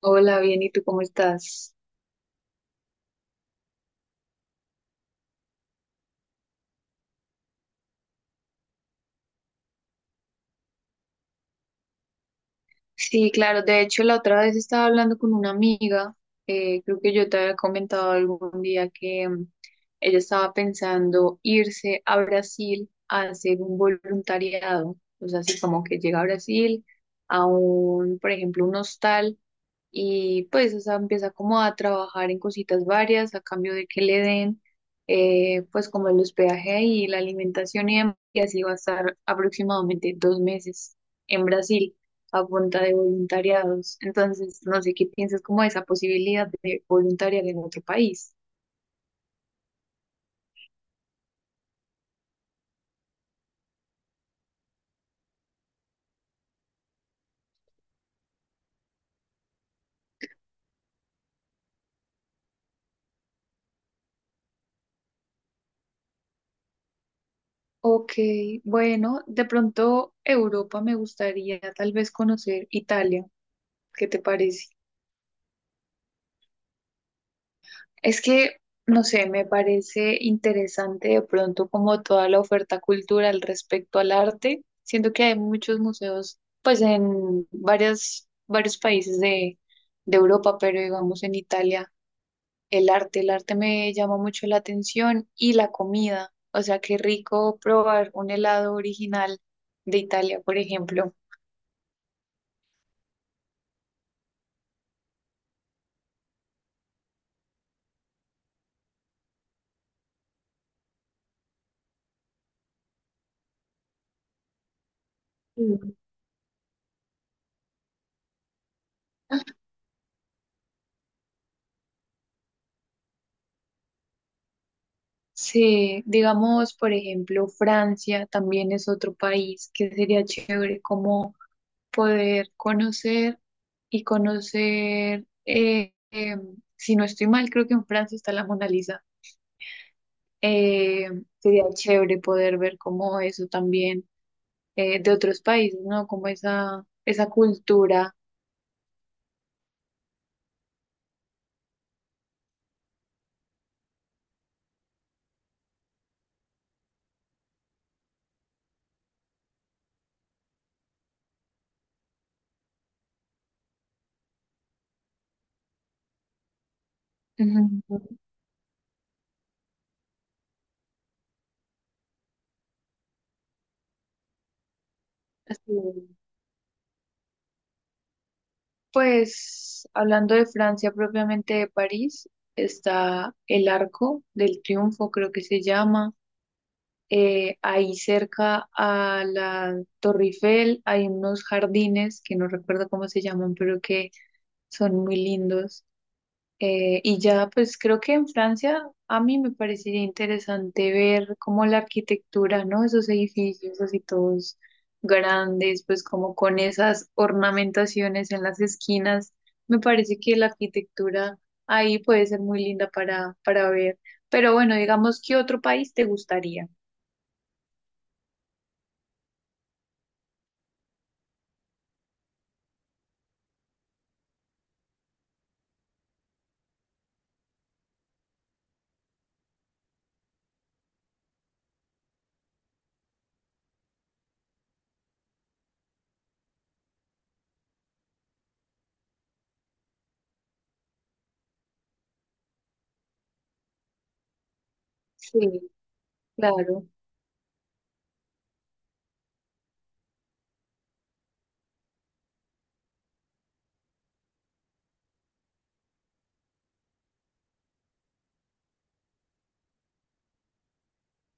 Hola, bien, ¿y tú cómo estás? Sí, claro, de hecho la otra vez estaba hablando con una amiga, creo que yo te había comentado algún día que ella estaba pensando irse a Brasil a hacer un voluntariado, o sea, así como que llega a Brasil a un, por ejemplo, un hostal y pues, o sea, empieza como a trabajar en cositas varias a cambio de que le den, pues, como el hospedaje y la alimentación y demás, y así va a estar aproximadamente dos meses en Brasil a punta de voluntariados. Entonces, no sé qué piensas como de esa posibilidad de voluntariar en otro país. Ok, bueno, de pronto Europa me gustaría tal vez conocer Italia. ¿Qué te parece? Es que, no sé, me parece interesante de pronto como toda la oferta cultural respecto al arte. Siento que hay muchos museos, pues en varios países de Europa, pero digamos en Italia, el arte me llama mucho la atención y la comida. O sea, qué rico probar un helado original de Italia, por ejemplo. Sí. Sí, digamos, por ejemplo, Francia también es otro país que sería chévere como poder conocer y conocer, si no estoy mal, creo que en Francia está la Mona Lisa. Eh, sería chévere poder ver como eso también de otros países, ¿no? Como esa cultura. Ujú. Así es. Pues hablando de Francia, propiamente de París, está el Arco del Triunfo, creo que se llama. Ahí cerca a la Torre Eiffel hay unos jardines que no recuerdo cómo se llaman, pero que son muy lindos. Y ya, pues creo que en Francia a mí me parecería interesante ver como la arquitectura, ¿no? Esos edificios así todos grandes, pues como con esas ornamentaciones en las esquinas. Me parece que la arquitectura ahí puede ser muy linda para ver. Pero bueno, digamos, ¿qué otro país te gustaría? Sí. Claro,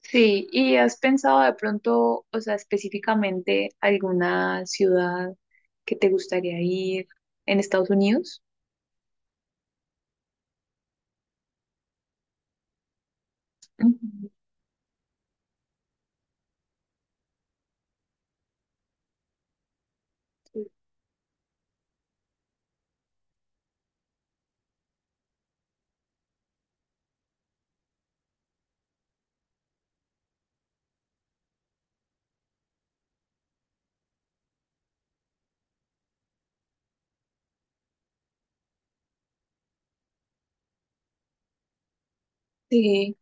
sí, ¿y has pensado de pronto, o sea, específicamente alguna ciudad que te gustaría ir en Estados Unidos? Ujú, sí. Sí,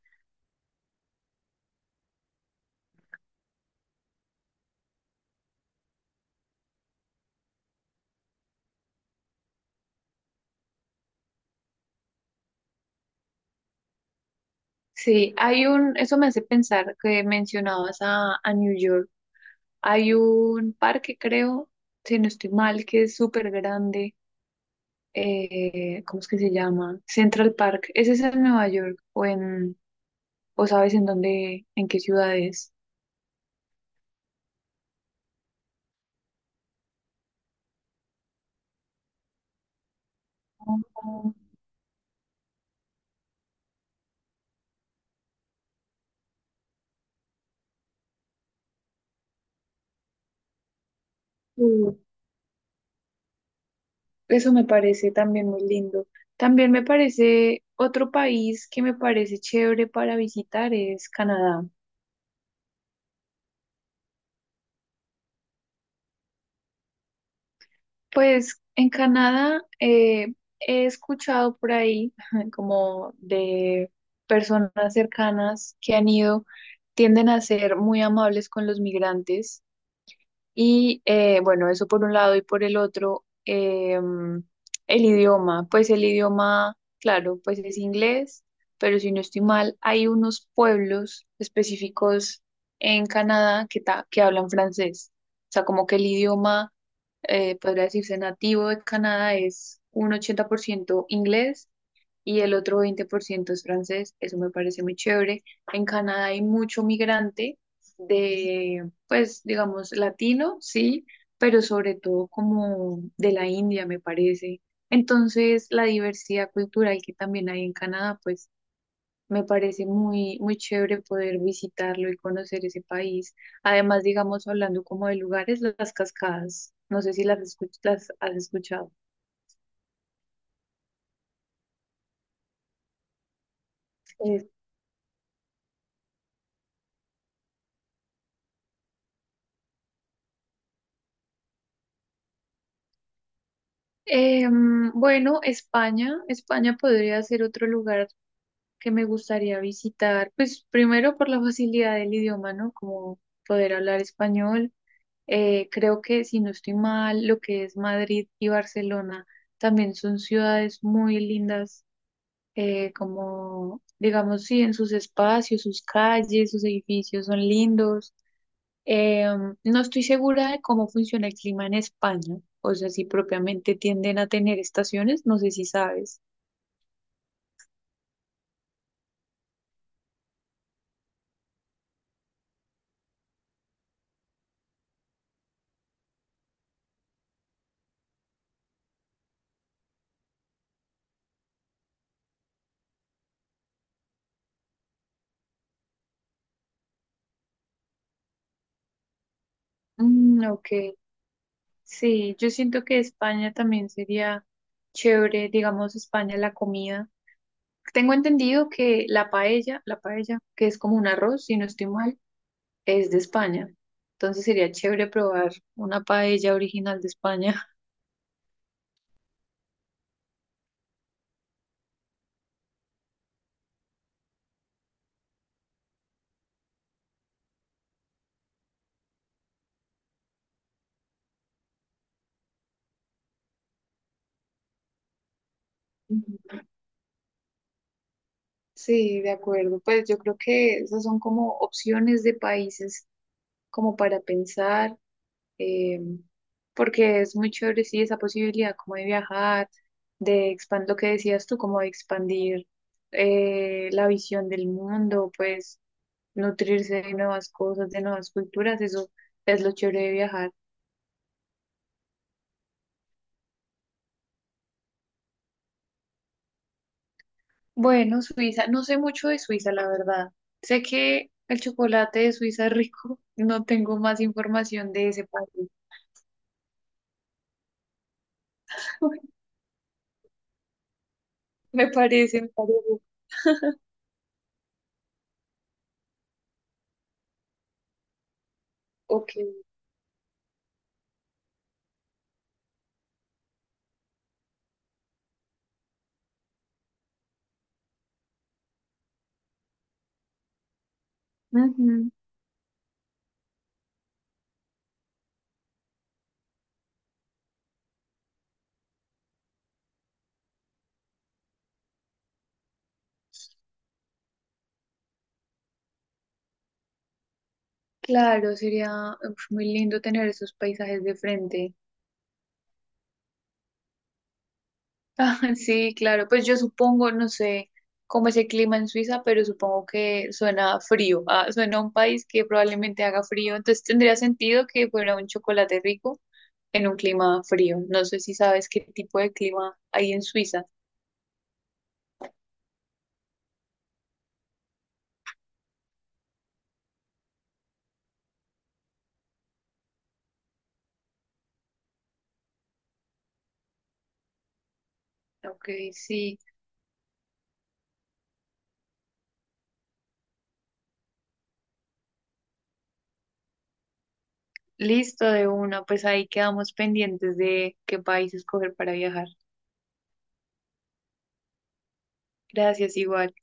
sí, hay un, eso me hace pensar que mencionabas a New York, hay un parque, creo, si no estoy mal, que es súper grande, ¿cómo es que se llama? Central Park, ¿ese es en Nueva York o sabes en dónde, en qué ciudad es? Ah, sí. Eso me parece también muy lindo. También me parece otro país que me parece chévere para visitar es Canadá. Pues en Canadá he escuchado por ahí como de personas cercanas que han ido, tienden a ser muy amables con los migrantes. Y bueno, eso por un lado y por el otro, em, el idioma, pues el idioma, claro, pues es inglés, pero si no estoy mal, hay unos pueblos específicos en Canadá que hablan francés. O sea, como que el idioma, podría decirse nativo de Canadá es un 80% inglés y el otro 20% es francés. Eso me parece muy chévere. En Canadá hay mucho migrante pues digamos latino, sí, pero sobre todo como de la India, me parece. Entonces, la diversidad cultural que también hay en Canadá, pues me parece muy chévere poder visitarlo y conocer ese país. Además, digamos, hablando como de lugares, las cascadas, no sé si las has escuchado. Eh, bueno, España, España podría ser otro lugar que me gustaría visitar, pues primero por la facilidad del idioma, ¿no? Como poder hablar español. Creo que si no estoy mal, lo que es Madrid y Barcelona también son ciudades muy lindas, como digamos, sí, en sus espacios, sus calles, sus edificios son lindos. Eh, no estoy segura de cómo funciona el clima en España, o sea, si propiamente tienden a tener estaciones, no sé si sabes. Mm, ok. Sí, yo siento que España también sería chévere, digamos, España la comida. Tengo entendido que la paella, que es como un arroz, si no estoy mal, es de España. Entonces sería chévere probar una paella original de España. Ujú. Sí, de acuerdo. Pues yo creo que esas son como opciones de países como para pensar. eh, Porque es muy chévere, sí, esa posibilidad como de viajar, de expandir lo que decías tú, como de expandir la visión del mundo, pues nutrirse de nuevas cosas, de nuevas culturas, eso es lo chévere de viajar. Bueno, Suiza, no sé mucho de Suiza, la verdad. Sé que el chocolate de Suiza es rico, no tengo más información de ese país. Me parece, me parece. Ok. Ujú. Claro, sería uf, muy lindo tener esos paisajes de frente. Ah, sí, claro, pues yo supongo, no sé cómo es el clima en Suiza, pero supongo que suena frío, ah, suena a un país que probablemente haga frío, entonces tendría sentido que fuera un chocolate rico en un clima frío. No sé si sabes qué tipo de clima hay en Suiza. Ok, sí, listo de una, pues ahí quedamos pendientes de qué país escoger para viajar. Gracias, igual.